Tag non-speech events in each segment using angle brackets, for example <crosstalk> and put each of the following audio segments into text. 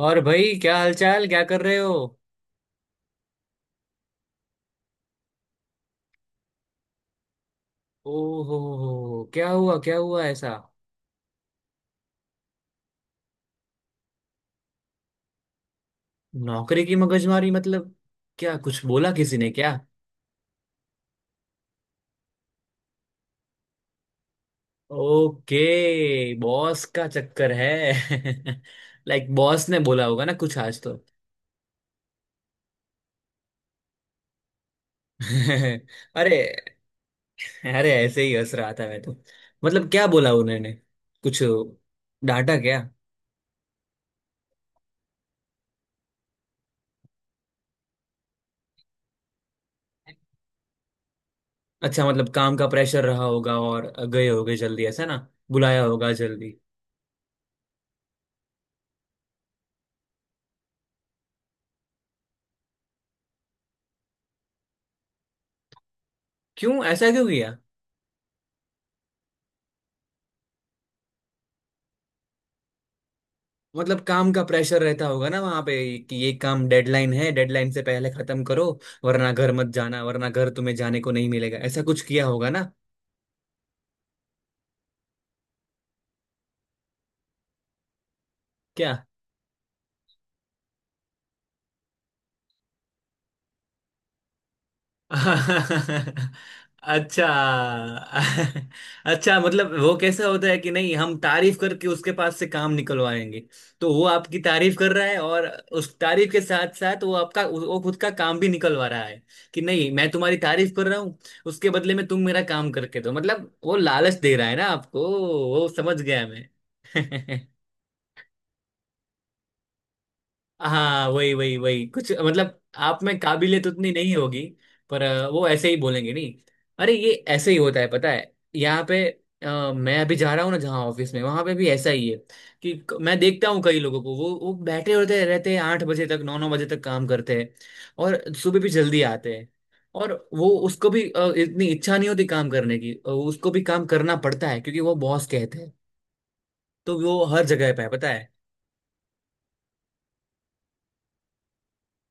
और भाई क्या हालचाल, क्या कर रहे हो। ओहो हो, क्या हुआ? क्या हुआ ऐसा? नौकरी की मगजमारी मतलब? क्या कुछ बोला किसी ने क्या? ओके, बॉस का चक्कर है। <laughs> लाइक बॉस ने बोला होगा ना कुछ आज तो। <laughs> अरे। अरे, ऐसे ही हंस रहा था मैं तो। मतलब क्या बोला उन्होंने कुछ? डांटा क्या? अच्छा, मतलब काम का प्रेशर रहा होगा और गए होगे जल्दी, ऐसा ना? बुलाया होगा जल्दी। क्यों? ऐसा क्यों किया? मतलब काम का प्रेशर रहता होगा ना वहां पे। कि ये काम डेडलाइन है, डेडलाइन से पहले खत्म करो, वरना घर मत जाना, वरना घर तुम्हें जाने को नहीं मिलेगा, ऐसा कुछ किया होगा ना। क्या? अच्छा। अच्छा मतलब वो कैसा होता है कि नहीं, हम तारीफ करके उसके पास से काम निकलवाएंगे, तो वो आपकी तारीफ कर रहा है, और उस तारीफ के साथ साथ वो आपका, वो खुद का काम भी निकलवा रहा है। कि नहीं, मैं तुम्हारी तारीफ कर रहा हूँ, उसके बदले में तुम मेरा काम करके दो, मतलब वो लालच दे रहा है ना आपको। वो समझ गया मैं। <laughs> हाँ, वही वही वही कुछ, मतलब आप में काबिलियत उतनी नहीं होगी, पर वो ऐसे ही बोलेंगे नहीं। अरे ये ऐसे ही होता है पता है यहाँ पे। मैं अभी जा रहा हूँ ना जहाँ ऑफिस में, वहां पे भी ऐसा ही है। कि मैं देखता हूँ कई लोगों को, वो बैठे होते रहते हैं 8 बजे तक, 9 9 बजे तक काम करते हैं, और सुबह भी जल्दी आते हैं। और वो उसको भी इतनी इच्छा नहीं होती काम करने की, उसको भी काम करना पड़ता है, क्योंकि वो बॉस कहते हैं। तो वो हर जगह पे है पता है।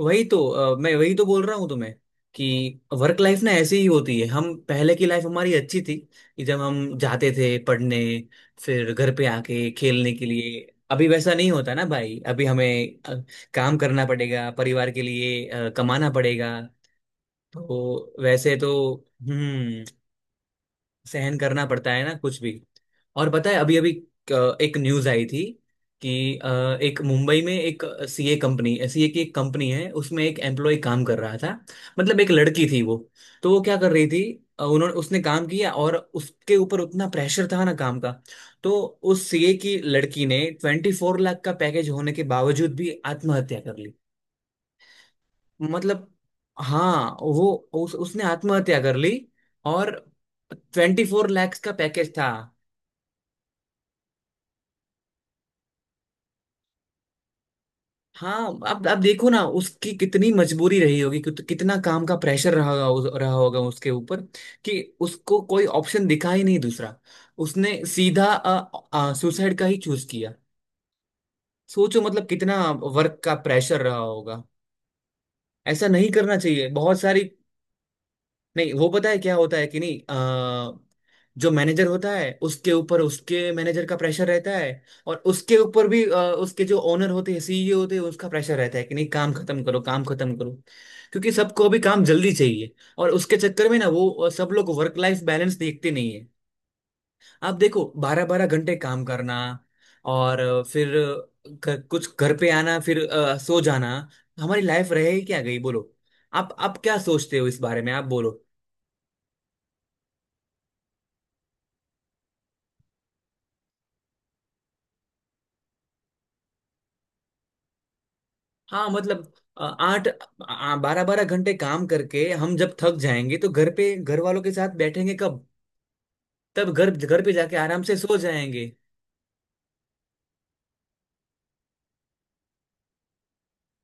वही तो मैं वही तो बोल रहा हूँ तुम्हें। कि वर्क लाइफ ना ऐसी ही होती है, हम पहले की लाइफ हमारी अच्छी थी। कि जब हम जाते थे पढ़ने, फिर घर पे आके खेलने के लिए। अभी वैसा नहीं होता ना भाई। अभी हमें, अ, काम करना पड़ेगा परिवार के लिए, कमाना पड़ेगा। तो वैसे तो, हम्म सहन करना पड़ता है ना कुछ भी। और पता है, अभी अभी एक न्यूज आई थी कि एक मुंबई में एक सीए कंपनी, सीए की एक कंपनी है, उसमें एक एम्प्लॉय काम कर रहा था। मतलब एक लड़की थी वो। तो वो क्या कर रही थी, अ, उन्होंने उसने काम किया, और उसके ऊपर उतना प्रेशर था ना काम का। तो उस सीए की लड़की ने 24 लाख का पैकेज होने के बावजूद भी आत्महत्या कर... मतलब, हाँ, वो उसने आत्महत्या कर ली। और 24 लैक्स का पैकेज था। हाँ, अब देखो ना, उसकी कितनी मजबूरी रही होगी, कितना काम का प्रेशर रहा होगा उसके ऊपर। कि उसको कोई ऑप्शन दिखा ही नहीं दूसरा, उसने सीधा सुसाइड का ही चूज किया। सोचो मतलब कितना वर्क का प्रेशर रहा होगा। ऐसा नहीं करना चाहिए, बहुत सारी... नहीं, वो पता है क्या होता है कि नहीं, अ, जो मैनेजर होता है उसके ऊपर उसके मैनेजर का प्रेशर रहता है। और उसके ऊपर भी उसके जो ओनर होते हैं, सीईओ होते हैं, उसका प्रेशर रहता है कि नहीं काम खत्म करो, काम खत्म करो। क्योंकि सबको अभी काम जल्दी चाहिए, और उसके चक्कर में ना वो, सब लोग वर्क लाइफ बैलेंस देखते नहीं है। आप देखो, 12 12 घंटे काम करना, और कुछ घर पे आना, फिर सो जाना। हमारी लाइफ रहे क्या, गई बोलो। आप क्या सोचते हो इस बारे में, आप बोलो। हाँ, मतलब अ, आठ 12 12 घंटे काम करके हम जब थक जाएंगे, तो घर पे घर वालों के साथ बैठेंगे कब? तब घर, घर पे जाके आराम से सो जाएंगे।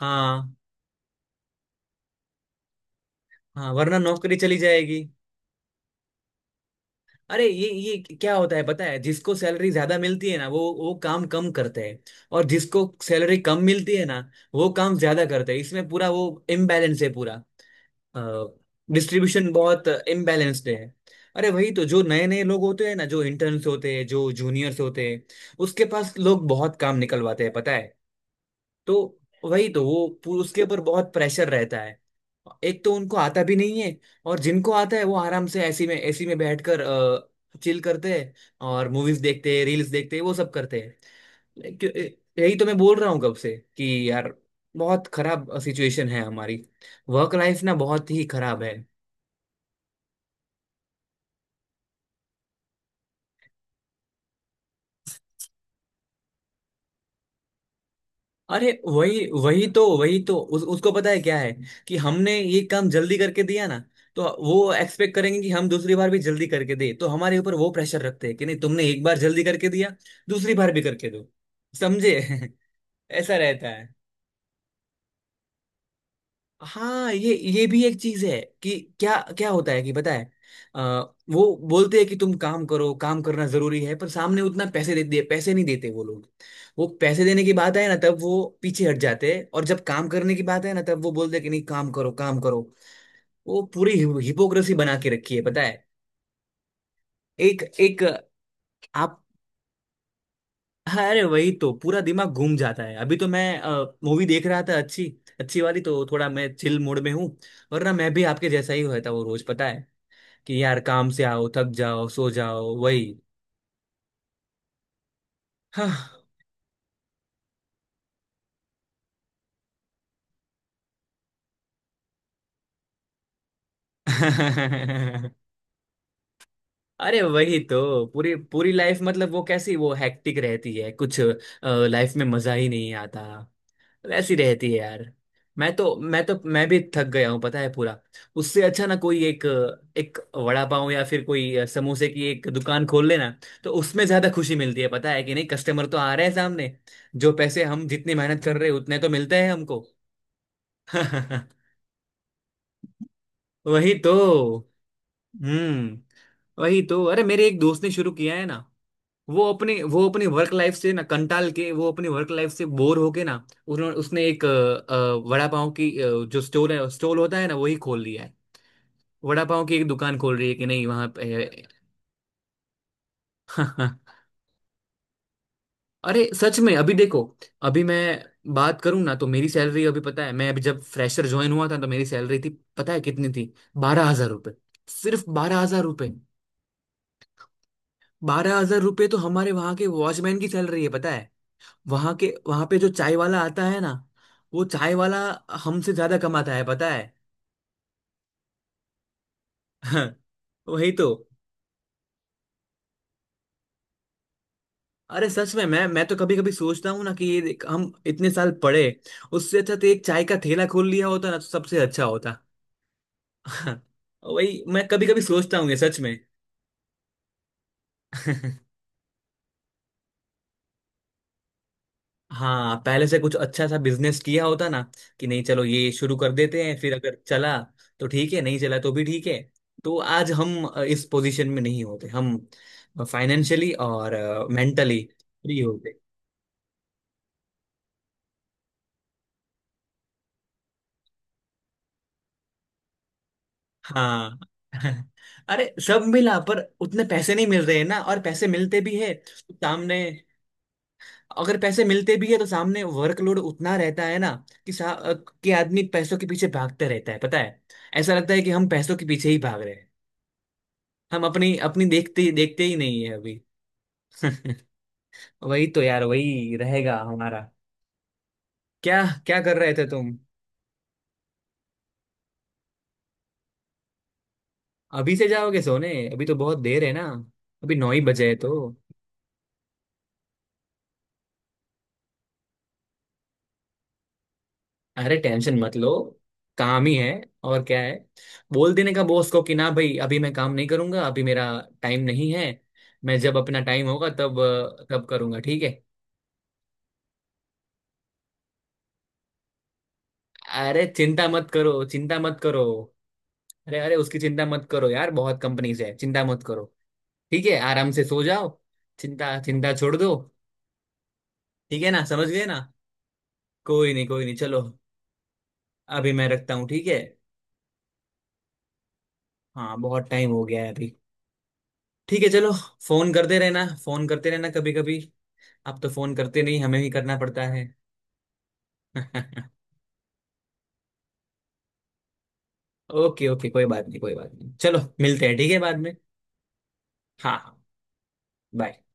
हाँ। हाँ, वरना नौकरी चली जाएगी। अरे ये क्या होता है पता है, जिसको सैलरी ज्यादा मिलती है ना, वो काम कम करते हैं। और जिसको सैलरी कम मिलती है ना, वो काम ज्यादा करते हैं। इसमें पूरा वो, इम्बैलेंस है, पूरा डिस्ट्रीब्यूशन बहुत इम्बैलेंस्ड है। अरे वही तो, जो नए नए लोग होते हैं ना, जो इंटर्न्स होते हैं, जो जूनियर्स होते हैं, उसके पास लोग बहुत काम निकलवाते हैं पता है। तो वही तो वो, उसके ऊपर बहुत प्रेशर रहता है। एक तो उनको आता भी नहीं है, और जिनको आता है वो आराम से ऐसी में, ऐसी में बैठकर चिल करते हैं, और मूवीज देखते हैं, रील्स देखते हैं, वो सब करते हैं। यही तो मैं बोल रहा हूँ कब से कि यार, बहुत खराब सिचुएशन है हमारी। वर्क लाइफ ना बहुत ही खराब है। अरे वही, वही तो, वही तो उसको पता है क्या है, कि हमने ये काम जल्दी करके दिया ना, तो वो एक्सपेक्ट करेंगे कि हम दूसरी बार भी जल्दी करके दे। तो हमारे ऊपर वो प्रेशर रखते हैं कि नहीं तुमने एक बार जल्दी करके दिया, दूसरी बार भी करके दो। समझे। <laughs> ऐसा रहता। हाँ, ये भी एक चीज है कि क्या क्या होता है कि पता है, अ, वो बोलते हैं कि तुम काम करो, काम करना जरूरी है, पर सामने उतना पैसे दे, पैसे नहीं देते वो लोग। वो पैसे देने की बात आए ना, तब वो पीछे हट जाते हैं। और जब काम करने की बात है ना, तब वो बोलते हैं कि नहीं काम करो, काम करो। वो पूरी हिपोक्रेसी बना के रखी है पता है। एक एक। आप। अरे वही तो, पूरा दिमाग घूम जाता है। अभी तो मैं मूवी देख रहा था, अच्छी, अच्छी वाली, तो थोड़ा मैं चिल मूड में हूँ। वरना मैं भी आपके जैसा ही होता, वो रोज पता है कि यार, काम से आओ, थक जाओ, सो जाओ, वही। हाँ। <laughs> अरे वही तो पूरी, पूरी लाइफ, मतलब वो कैसी, वो हैक्टिक रहती है कुछ। लाइफ में मजा ही नहीं आता, वैसी रहती है यार। मैं भी थक गया हूँ पता है पूरा। उससे अच्छा ना कोई एक, एक वड़ा पाव या फिर कोई समोसे की एक दुकान खोल लेना। तो उसमें ज्यादा खुशी मिलती है, पता है कि नहीं, कस्टमर तो आ रहे हैं सामने, जो पैसे हम जितनी मेहनत कर रहे हैं उतने तो मिलते हैं हमको। <laughs> वही तो। हम्म, वही तो। अरे मेरे एक दोस्त ने शुरू किया है ना, वो अपनी वर्क लाइफ से ना कंटाल के, वो अपनी वर्क लाइफ से बोर होके ना, उन्होंने उसने एक, वड़ा पाव की, जो स्टोर है, स्टॉल होता है ना, वही खोल लिया है। वड़ा पाव की एक दुकान खोल रही है कि नहीं वहां पे। <laughs> अरे सच में, अभी देखो, अभी मैं बात करूं ना, तो मेरी सैलरी, अभी पता है, मैं अभी जब फ्रेशर ज्वाइन हुआ था, तो मेरी सैलरी थी, पता है कितनी थी? 12 हजार रुपये। सिर्फ 12 हजार रुपये। बारह हजार रुपये तो हमारे वहां के वॉचमैन की सैलरी है पता है। वहां के, वहां पे जो चाय वाला आता है ना, वो चाय वाला हमसे ज्यादा कमाता है पता है। <laughs> वही तो। अरे सच में, मैं तो कभी कभी सोचता हूँ ना कि ये देख, हम इतने साल पढ़े, उससे अच्छा तो एक चाय का ठेला खोल लिया होता ना, तो सबसे अच्छा होता। <laughs> वही मैं कभी कभी सोचता हूँ, ये सच में। <laughs> हाँ, पहले से कुछ अच्छा सा बिजनेस किया होता ना, कि नहीं चलो ये शुरू कर देते हैं, फिर अगर चला तो ठीक है, नहीं चला तो भी ठीक है। तो आज हम इस पोजीशन में नहीं होते, हम फाइनेंशियली और मेंटली फ्री होते। हाँ। <laughs> अरे सब मिला, पर उतने पैसे नहीं मिल रहे हैं ना। और पैसे मिलते भी है तो सामने, अगर पैसे मिलते भी है तो सामने वर्कलोड उतना रहता है ना, कि कि आदमी पैसों के पीछे भागते रहता है पता है। ऐसा लगता है कि हम पैसों के पीछे ही भाग रहे हैं, हम अपनी, अपनी देखते देखते ही नहीं है अभी। <laughs> वही तो यार, वही रहेगा हमारा। क्या क्या कर रहे थे तुम? अभी से जाओगे सोने? अभी तो बहुत देर है ना, अभी 9 ही बजे है तो। अरे टेंशन मत लो, काम ही है, और क्या है? बोल देने का बॉस को कि ना भाई, अभी मैं काम नहीं करूंगा, अभी मेरा टाइम नहीं है। मैं जब अपना टाइम होगा, तब तब करूंगा, ठीक है। अरे चिंता मत करो, चिंता मत करो। अरे अरे, उसकी चिंता मत करो यार, बहुत कंपनीज है, चिंता मत करो। ठीक है, आराम से सो जाओ। चिंता, चिंता छोड़ दो। ठीक है ना, समझ गए ना। कोई नहीं, कोई नहीं, चलो। अभी मैं रखता हूँ, ठीक है। हाँ, बहुत टाइम हो गया है अभी। ठीक है, चलो। फोन करते रहना, फोन करते रहना कभी कभी। आप तो फोन करते नहीं, हमें ही करना पड़ता है। <laughs> ओके ओके, कोई बात नहीं, कोई बात नहीं, चलो मिलते हैं ठीक है बाद में। हाँ हाँ। बाय।